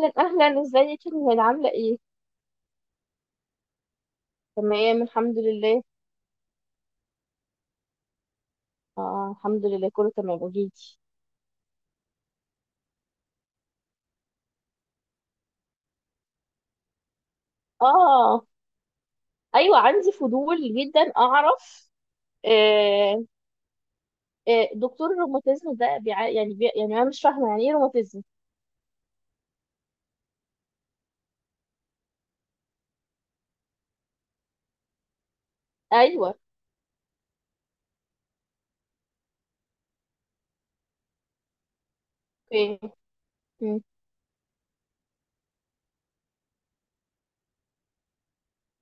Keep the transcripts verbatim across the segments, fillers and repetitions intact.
اهلا اهلا، ازيك يا نهال؟ عامله ايه؟ تمام، الحمد لله. آه، الحمد لله، كله تمام. قوليلي. اه، ايوه، عندي فضول جدا اعرف. آه، آه، دكتور الروماتيزم ده بيع... يعني بي... يعني انا مش فاهمه يعني ايه روماتيزم. ايوه. اوكي. مم.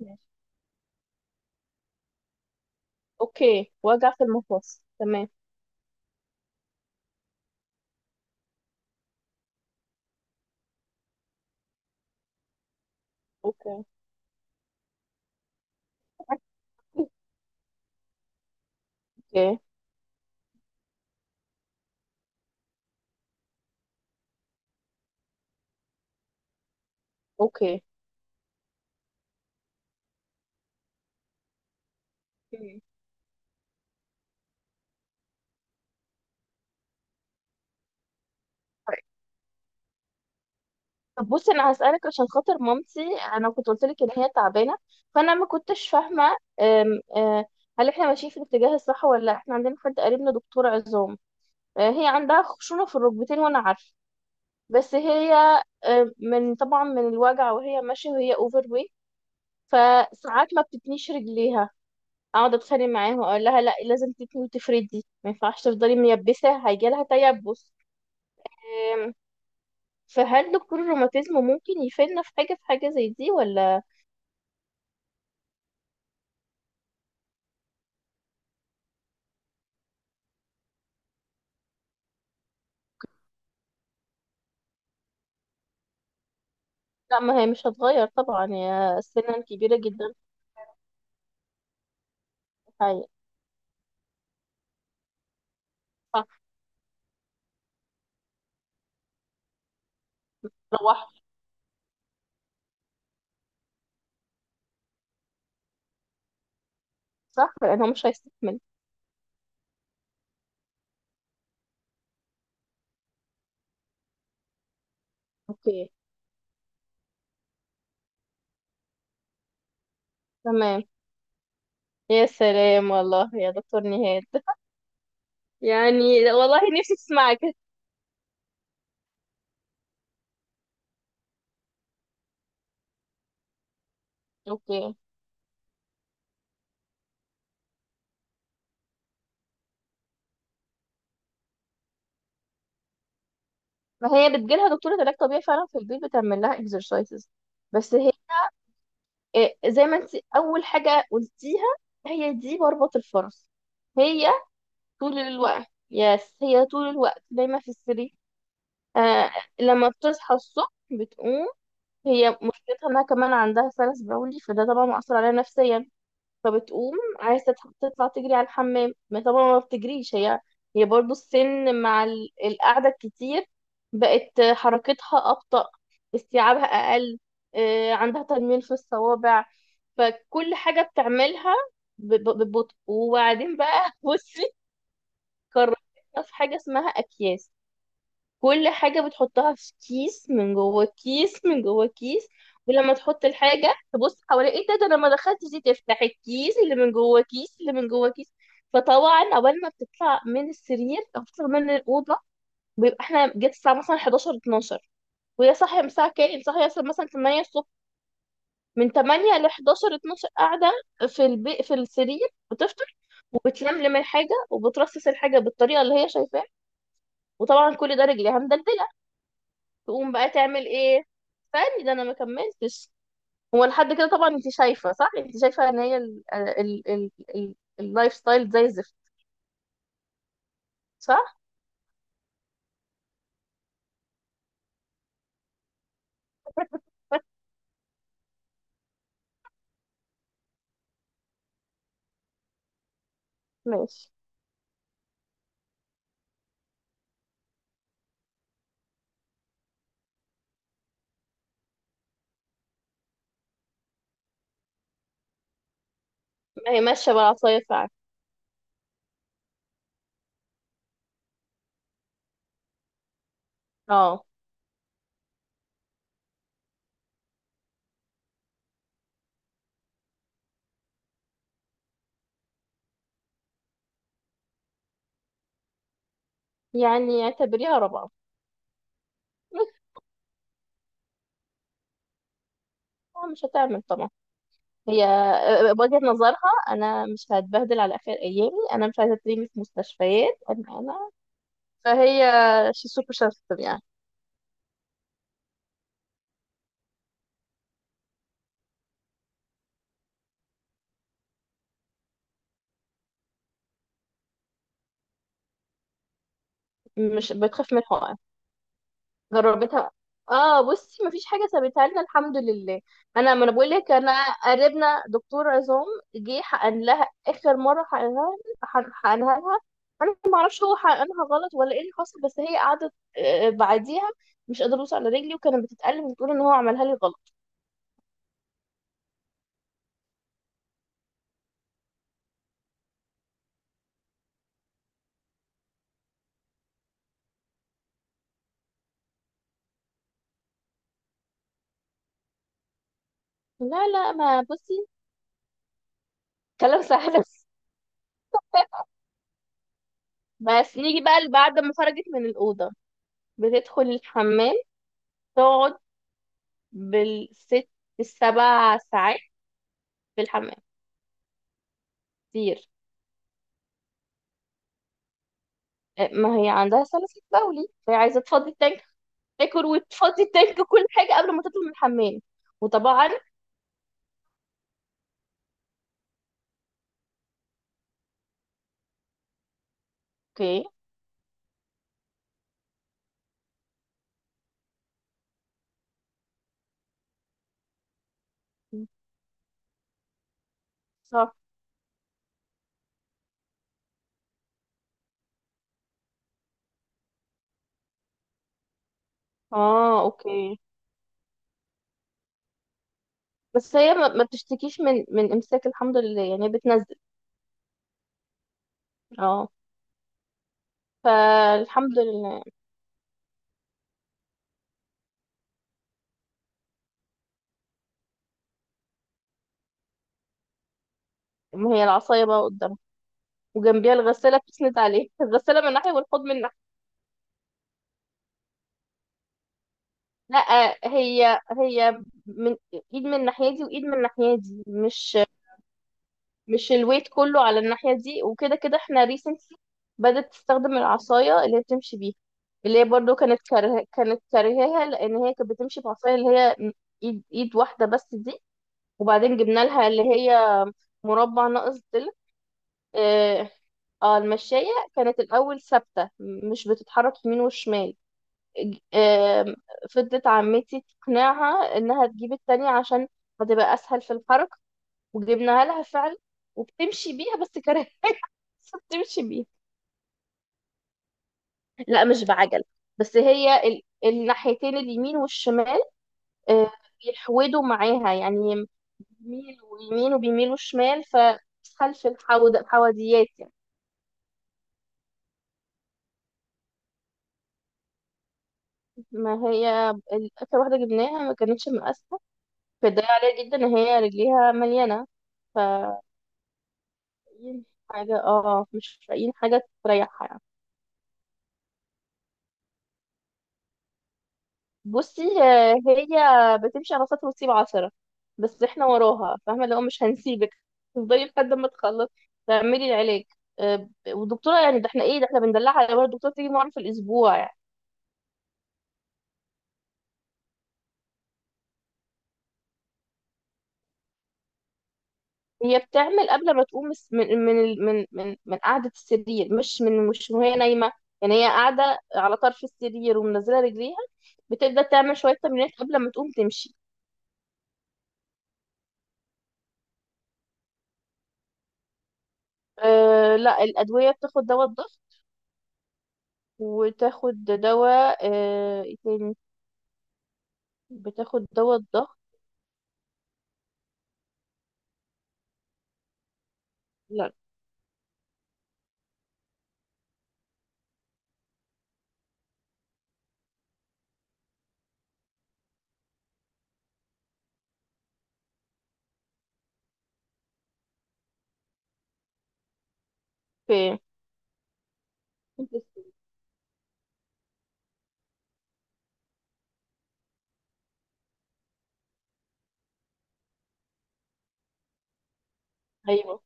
ماشي. اوكي، وجع في المفاصل، تمام. اوكي. اوكي. اوكي. مم. طب بصي، انا هسألك عشان خاطر مامتي. انا كنت قلت لك ان هي تعبانه، فانا ما كنتش فاهمه. أم، أه، هل احنا ماشيين في الاتجاه الصح ولا لا؟ احنا عندنا حد قريبنا دكتور عظام. أه، هي عندها خشونه في الركبتين وانا عارفه، بس هي أم، من طبعا من الوجع وهي ماشيه وهي اوفر ويت، فساعات ما بتتنيش رجليها. اقعد اتخانق معاها واقول لها لا، لازم تتني وتفردي، ما ينفعش تفضلي ميبسه هيجيلها تيبس. أم، فهل دكتور الروماتيزم ممكن يفيدنا في حاجه في حاجه زي دي ولا؟ لا، ما هي مش هتغير طبعا، يا السنان كبيرة جدا. فهي لوحده. صح، لأنه مش هيستحمل. اوكي. تمام. يا سلام والله يا دكتور نهاد يعني لا والله، نفسي تسمعك. اوكي. ما هي بتجيلها دكتورة علاج طبيعي فعلا في البيت، بتعمل لها اكسرسايزز. بس هي إيه، زي ما انت اول حاجة قلتيها، هي دي مربط الفرس. هي طول الوقت يس هي طول الوقت دايما في السرير. آه، لما بتصحى الصبح بتقوم. هي مشكلتها انها كمان عندها سلس بولي، فده طبعا مأثر عليها نفسيا. فبتقوم عايزة تت- تطلع تجري على الحمام، ما طبعا ما بتجريش هي. هي برضو السن مع ال- القعدة الكتير بقت حركتها أبطأ، استيعابها أقل. آه، عندها تنميل في الصوابع، فكل حاجة بتعملها ب- ب- ببطء. وبعدين بقى بصي، قررت، في حاجة اسمها أكياس، كل حاجة بتحطها في كيس من جوه الكيس من جوه الكيس. ولما تحط الحاجة تبص حواليها، ايه ده؟ ده انا ما دخلتش دي، تفتح الكيس اللي من جوه كيس اللي من جوه كيس. فطبعا اول ما بتطلع من السرير او بتطلع من الأوضة بيبقى احنا جت الساعة مثلا حداشر اتناشر. وهي صاحية من الساعة كام؟ صاحية مثلا مثلا تمانية الصبح. من تمانية ل حداشر اتناشر قاعدة في البي... في السرير بتفطر، وبتلملم الحاجة وبترصص الحاجة بالطريقة اللي هي شايفاها. وطبعا كل ده رجليها مدلدلة. تقوم بقى تعمل ايه؟ استني ده انا ما كملتش. هو لحد كده طبعا انت شايفه، صح؟ انت شايفه ان هي ال- ال- ال- ال- اللايف ستايل زي الزفت. صح. ماشي، ما هي ماشيه بالعصايه فعلا. اه، يعني اعتبريها رابعه. آه، مش هتعمل طبعا. هي آه، آه، وجهة نظرها انا مش هتبهدل على اخر ايامي، انا مش عايزه تريني في مستشفيات، انا انا فهي شي سوبر سنسيتيف يعني. مش بتخاف من الحقن؟ جربتها. اه بصي، مفيش حاجه سابتها لنا الحمد لله. انا ما انا بقول لك، انا قريبنا دكتور عظام، جه حقن لها اخر مره حقنها، حق- حقنها لها. انا ما اعرفش هو حقنها غلط ولا ايه اللي حصل، بس هي قعدت آه، بعديها مش قادره اوصل على رجلي، وكانت بتتألم، بتقول ان هو عملها لي غلط. لا لا، ما بصي كلام سهل. بس نيجي بقى ل- بعد ما خرجت من الأوضة بتدخل الحمام، تقعد بالست السبع ساعات في الحمام كتير. ما هي عندها سلاسل بولي فهي عايزه تفضي التانك، تاكل وتفضي التانك كل حاجه قبل ما تطلع من الحمام. وطبعا. اوكي. صح. اه. اوكي. بس هي ما ما بتشتكيش من من امساك الحمد لله، يعني بتنزل. اه، فالحمد لله. ما هي العصايه بقى قدامها، وجنبيها الغساله بتسند عليه، الغساله من ناحيه والحوض من ناحيه. لا، هي هي من ايد من الناحيه دي وايد من الناحيه دي، مش مش الويت كله على الناحية دي. وكده كده احنا ريسنتلي بدأت تستخدم العصاية اللي هي بتمشي بيها، اللي هي برضو كانت كاره... كانت كارهاها، لأن هي كانت بتمشي بعصاية اللي هي ايد ايد واحدة بس دي. وبعدين جبنا لها اللي هي مربع ناقص ضلع. اه. آه، المشاية كانت الأول ثابتة م- مش بتتحرك يمين وشمال. ج- آه، فضلت عمتي تقنعها إنها تجيب التانية عشان هتبقى أسهل في الحركة، وجبناها لها فعلا، وبتمشي بيها بس كارهة بتمشي بيها. لا، مش بعجل، بس هي ال... الناحيتين اليمين والشمال، آه، بيحودوا معاها يعني، بيميلوا يمين وبيميلوا شمال، فخلف الحوض الحواديات يعني. ما هي ال- آخر واحدة جبناها ما كانتش مقاسة، فده عليها جدا ان هي رجليها مليانة. ف حاجة، اه مش لاقيين حاجة تريحها يعني. بصي، آه، هي بتمشي على سطر وتسيب عشرة، بس احنا وراها فاهمة اللي هو مش هنسيبك. تفضلي لحد ما تخلص، تعملي العلاج. آه، والدكتورة يعني، ده احنا ايه؟ ده احنا بندلعها، يا الدكتورة تيجي مرة في الأسبوع يعني. هي بتعمل قبل ما تقوم الس- من من ال- من من, من قعدة السرير، مش من، مش وهي نايمة. يعني هي قاعدة على طرف السرير ومنزلة رجليها، بتبدأ تعمل شوية تمرينات قبل ما تقوم تمشي. أه لا، الأدوية بتاخد دواء الضغط، وتاخد دواء أه بتاخد دواء الضغط. لا. في انتستين. ايوه.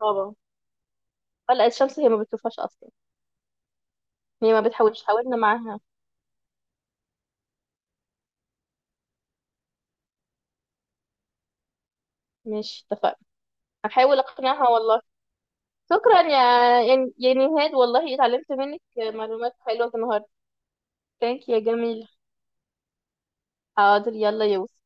طبعا. قلقة الشمس، هي ما بتشوفهاش اصلا. هي ما بتحاولش، حاولنا معاها. مش اتفقنا. هحاول اقنعها والله. شكرا يا، يعني يا نهاد والله اتعلمت منك معلومات حلوة النهارده. ثانك يا جميل. حاضر يلا يا يوسف.